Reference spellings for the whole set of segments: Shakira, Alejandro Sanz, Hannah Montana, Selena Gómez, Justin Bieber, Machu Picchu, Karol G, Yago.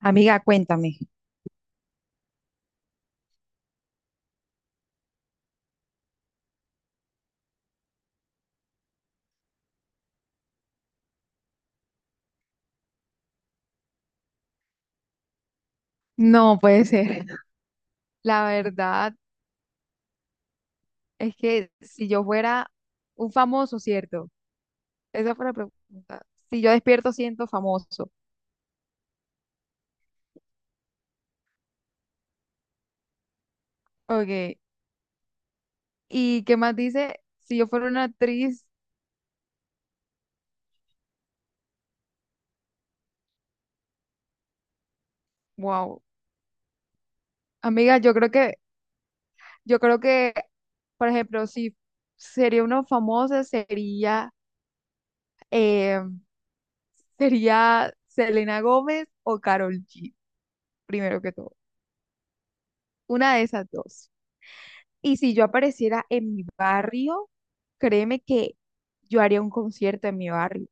Amiga, cuéntame. No puede ser. La verdad es que si yo fuera un famoso, ¿cierto? Esa fue la pregunta. Si yo despierto, siento famoso. Ok. ¿Y qué más dice? Si yo fuera una actriz, wow. Amiga, yo creo que, por ejemplo, si sería una famosa, sería, eh, sería Selena Gómez o Karol G, primero que todo. Una de esas dos. Y si yo apareciera en mi barrio, créeme que yo haría un concierto en mi barrio.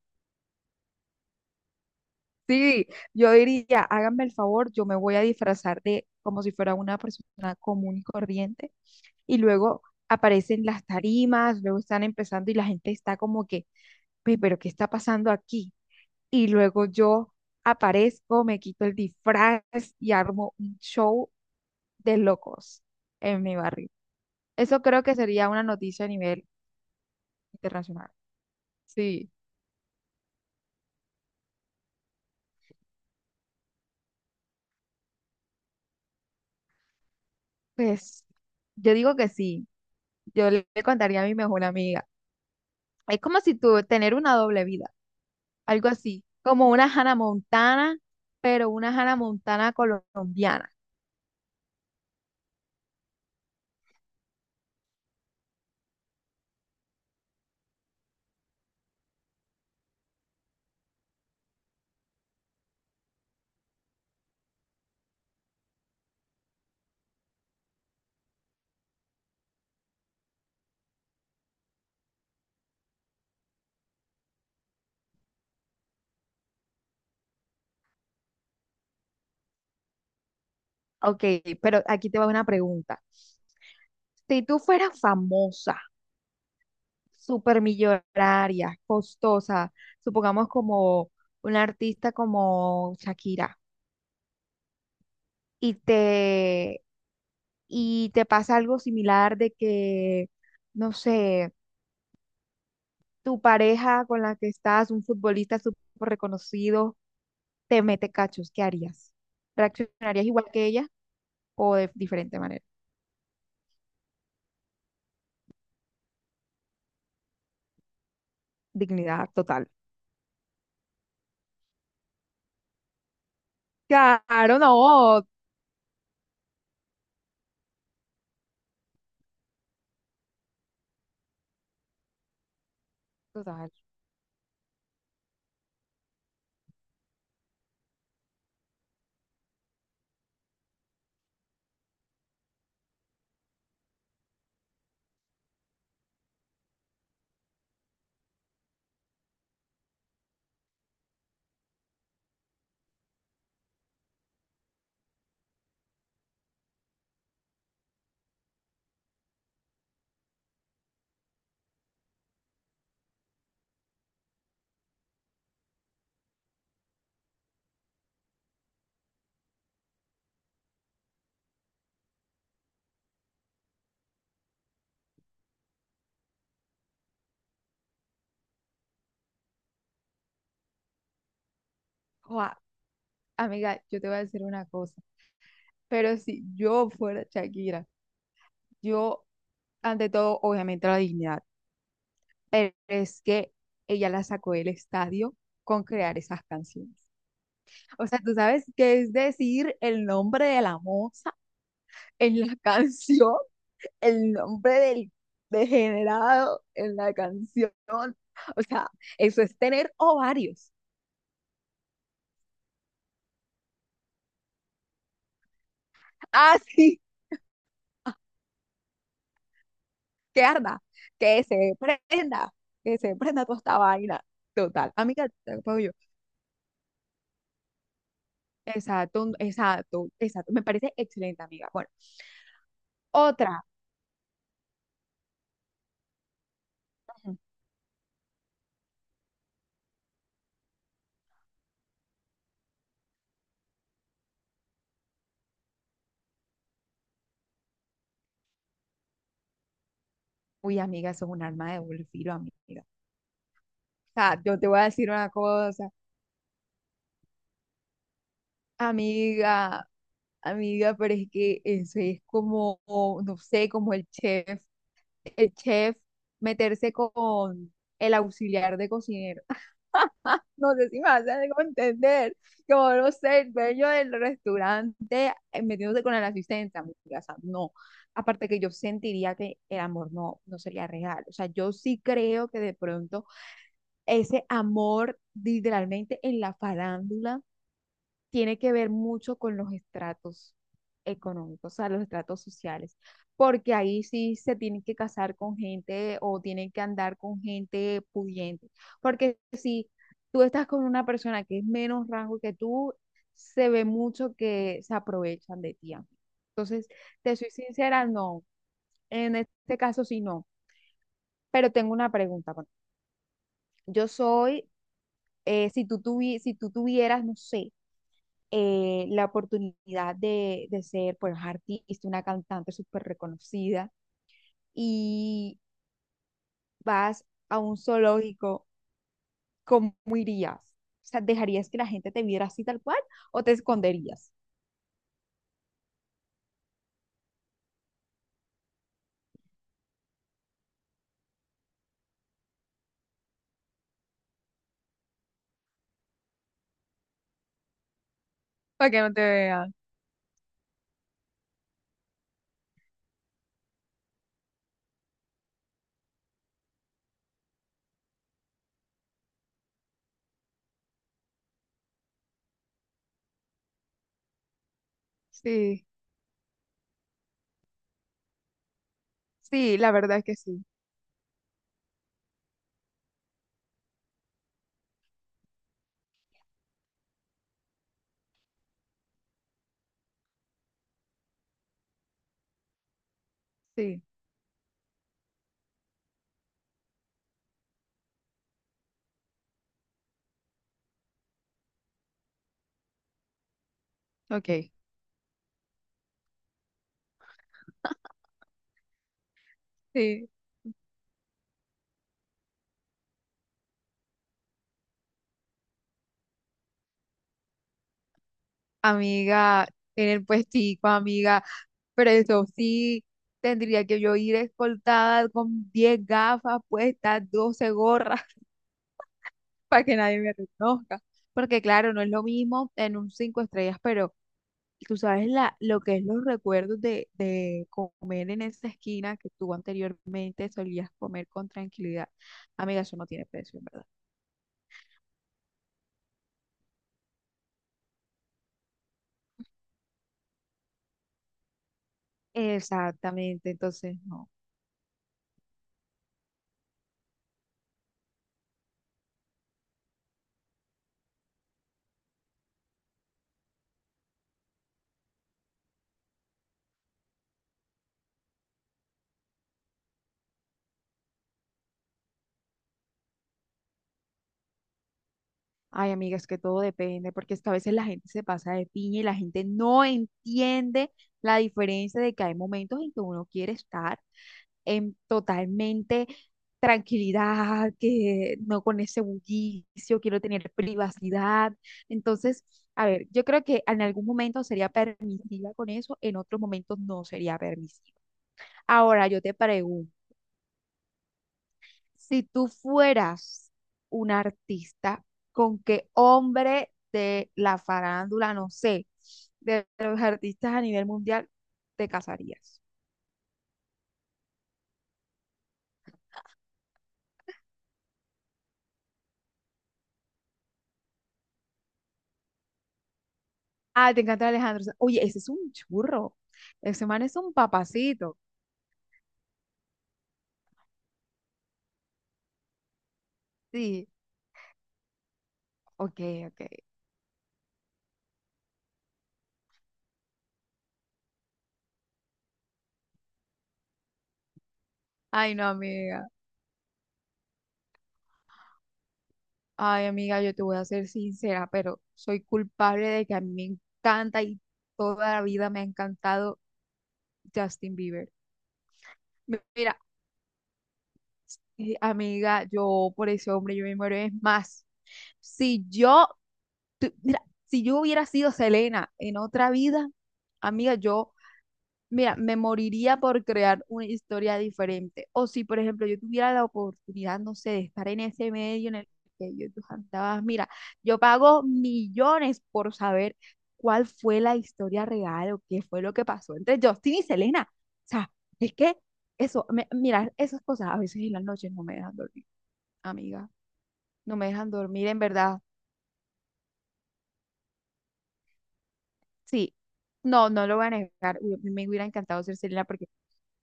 Sí, yo diría, háganme el favor, yo me voy a disfrazar de como si fuera una persona común y corriente y luego aparecen las tarimas, luego están empezando y la gente está como que, pero ¿qué está pasando aquí?" Y luego yo aparezco, me quito el disfraz y armo un show de locos en mi barrio. Eso creo que sería una noticia a nivel internacional. Sí, pues yo digo que sí, yo le contaría a mi mejor amiga. Es como si tú tener una doble vida, algo así, como una Hannah Montana, pero una Hannah Montana colombiana. Ok, pero aquí te va una pregunta. Si tú fueras famosa, supermillonaria, costosa, supongamos como una artista como Shakira, y te, y te pasa algo similar de que, no sé, tu pareja con la que estás, un futbolista súper reconocido, te mete cachos, ¿qué harías? ¿Reaccionarías igual que ella o de diferente manera? Dignidad total. Claro, no, total. Joa, amiga, yo te voy a decir una cosa, pero si yo fuera Shakira, yo, ante todo, obviamente la dignidad, pero es que ella la sacó del estadio con crear esas canciones. O sea, tú sabes qué es decir el nombre de la moza en la canción. El nombre del degenerado en la canción. O sea, eso es tener ovarios. Así que arda, que se prenda, que se prenda toda esta vaina. Total, amiga, te lo pago yo. Exacto, exacto, exacto. Me parece excelente, amiga. Bueno, otra. Uy, amiga, eso es un arma de doble filo, amiga. O sea, yo te voy a decir una cosa, amiga, amiga, pero es que eso es como, no sé, como el chef meterse con el auxiliar de cocinero. No sé si me hacen entender, como no sé, el dueño del restaurante metiéndose con el asistente, amiga, o sea, no. Aparte que yo sentiría que el amor no, no sería real. O sea, yo sí creo que de pronto ese amor literalmente en la farándula tiene que ver mucho con los estratos económicos, o sea, los estratos sociales, porque ahí sí se tienen que casar con gente o tienen que andar con gente pudiente, porque si tú estás con una persona que es menos rango que tú, se ve mucho que se aprovechan de ti, amigo. Entonces, te soy sincera, no, en este caso sí no, pero tengo una pregunta. Bueno, yo soy, si tú tuvieras, no sé, la oportunidad de ser pues artista, una cantante súper reconocida y vas a un zoológico, ¿cómo irías? O sea, ¿dejarías que la gente te viera así tal cual o te esconderías? Para que no te vean. Sí, sí, la verdad es que sí. Sí, ok. Sí. Amiga, en el puestico, amiga. Pero eso sí, tendría que yo ir escoltada con 10 gafas puestas, 12 gorras. Para que nadie me reconozca. Porque claro, no es lo mismo en un cinco estrellas, pero tú sabes lo que es los recuerdos de comer en esa esquina que tú anteriormente solías comer con tranquilidad. Amiga, eso no tiene precio, en verdad. Exactamente, entonces no. Ay, amiga, es que todo depende, porque es que a veces la gente se pasa de piña y la gente no entiende la diferencia de que hay momentos en que uno quiere estar en totalmente tranquilidad, que no con ese bullicio, quiero tener privacidad. Entonces, a ver, yo creo que en algún momento sería permisiva con eso, en otros momentos no sería permisiva. Ahora yo te pregunto, si tú fueras un artista, ¿con qué hombre de la farándula, no sé, de los artistas a nivel mundial, te casarías? Ah, te encanta Alejandro Sanz. Oye, ese es un churro. Ese man es un papacito. Sí, ok, ok. Ay, no, amiga. Ay, amiga, yo te voy a ser sincera, pero soy culpable de que a mí me encanta y toda la vida me ha encantado Justin Bieber. Mira, amiga, yo por ese hombre yo me muero. Es más, si yo, mira, si yo hubiera sido Selena en otra vida, amiga, yo Mira, me moriría por crear una historia diferente. O si, por ejemplo, yo tuviera la oportunidad, no sé, de estar en ese medio en el que yo tú cantabas, mira, yo pago millones por saber cuál fue la historia real o qué fue lo que pasó entre Justin y Selena. O sea, es que eso, mira, esas cosas a veces en las noches no me dejan dormir, amiga. No me dejan dormir, en verdad. Sí, no, no lo voy a negar. Uy, a mí me hubiera encantado ser Selena porque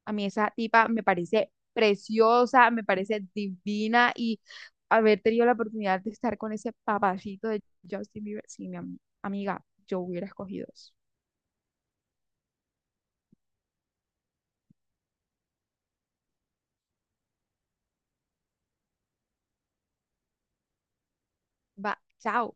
a mí esa tipa me parece preciosa, me parece divina y haber tenido la oportunidad de estar con ese papacito de Justin Bieber, sí, mi amiga, yo hubiera escogido eso. Va, chao.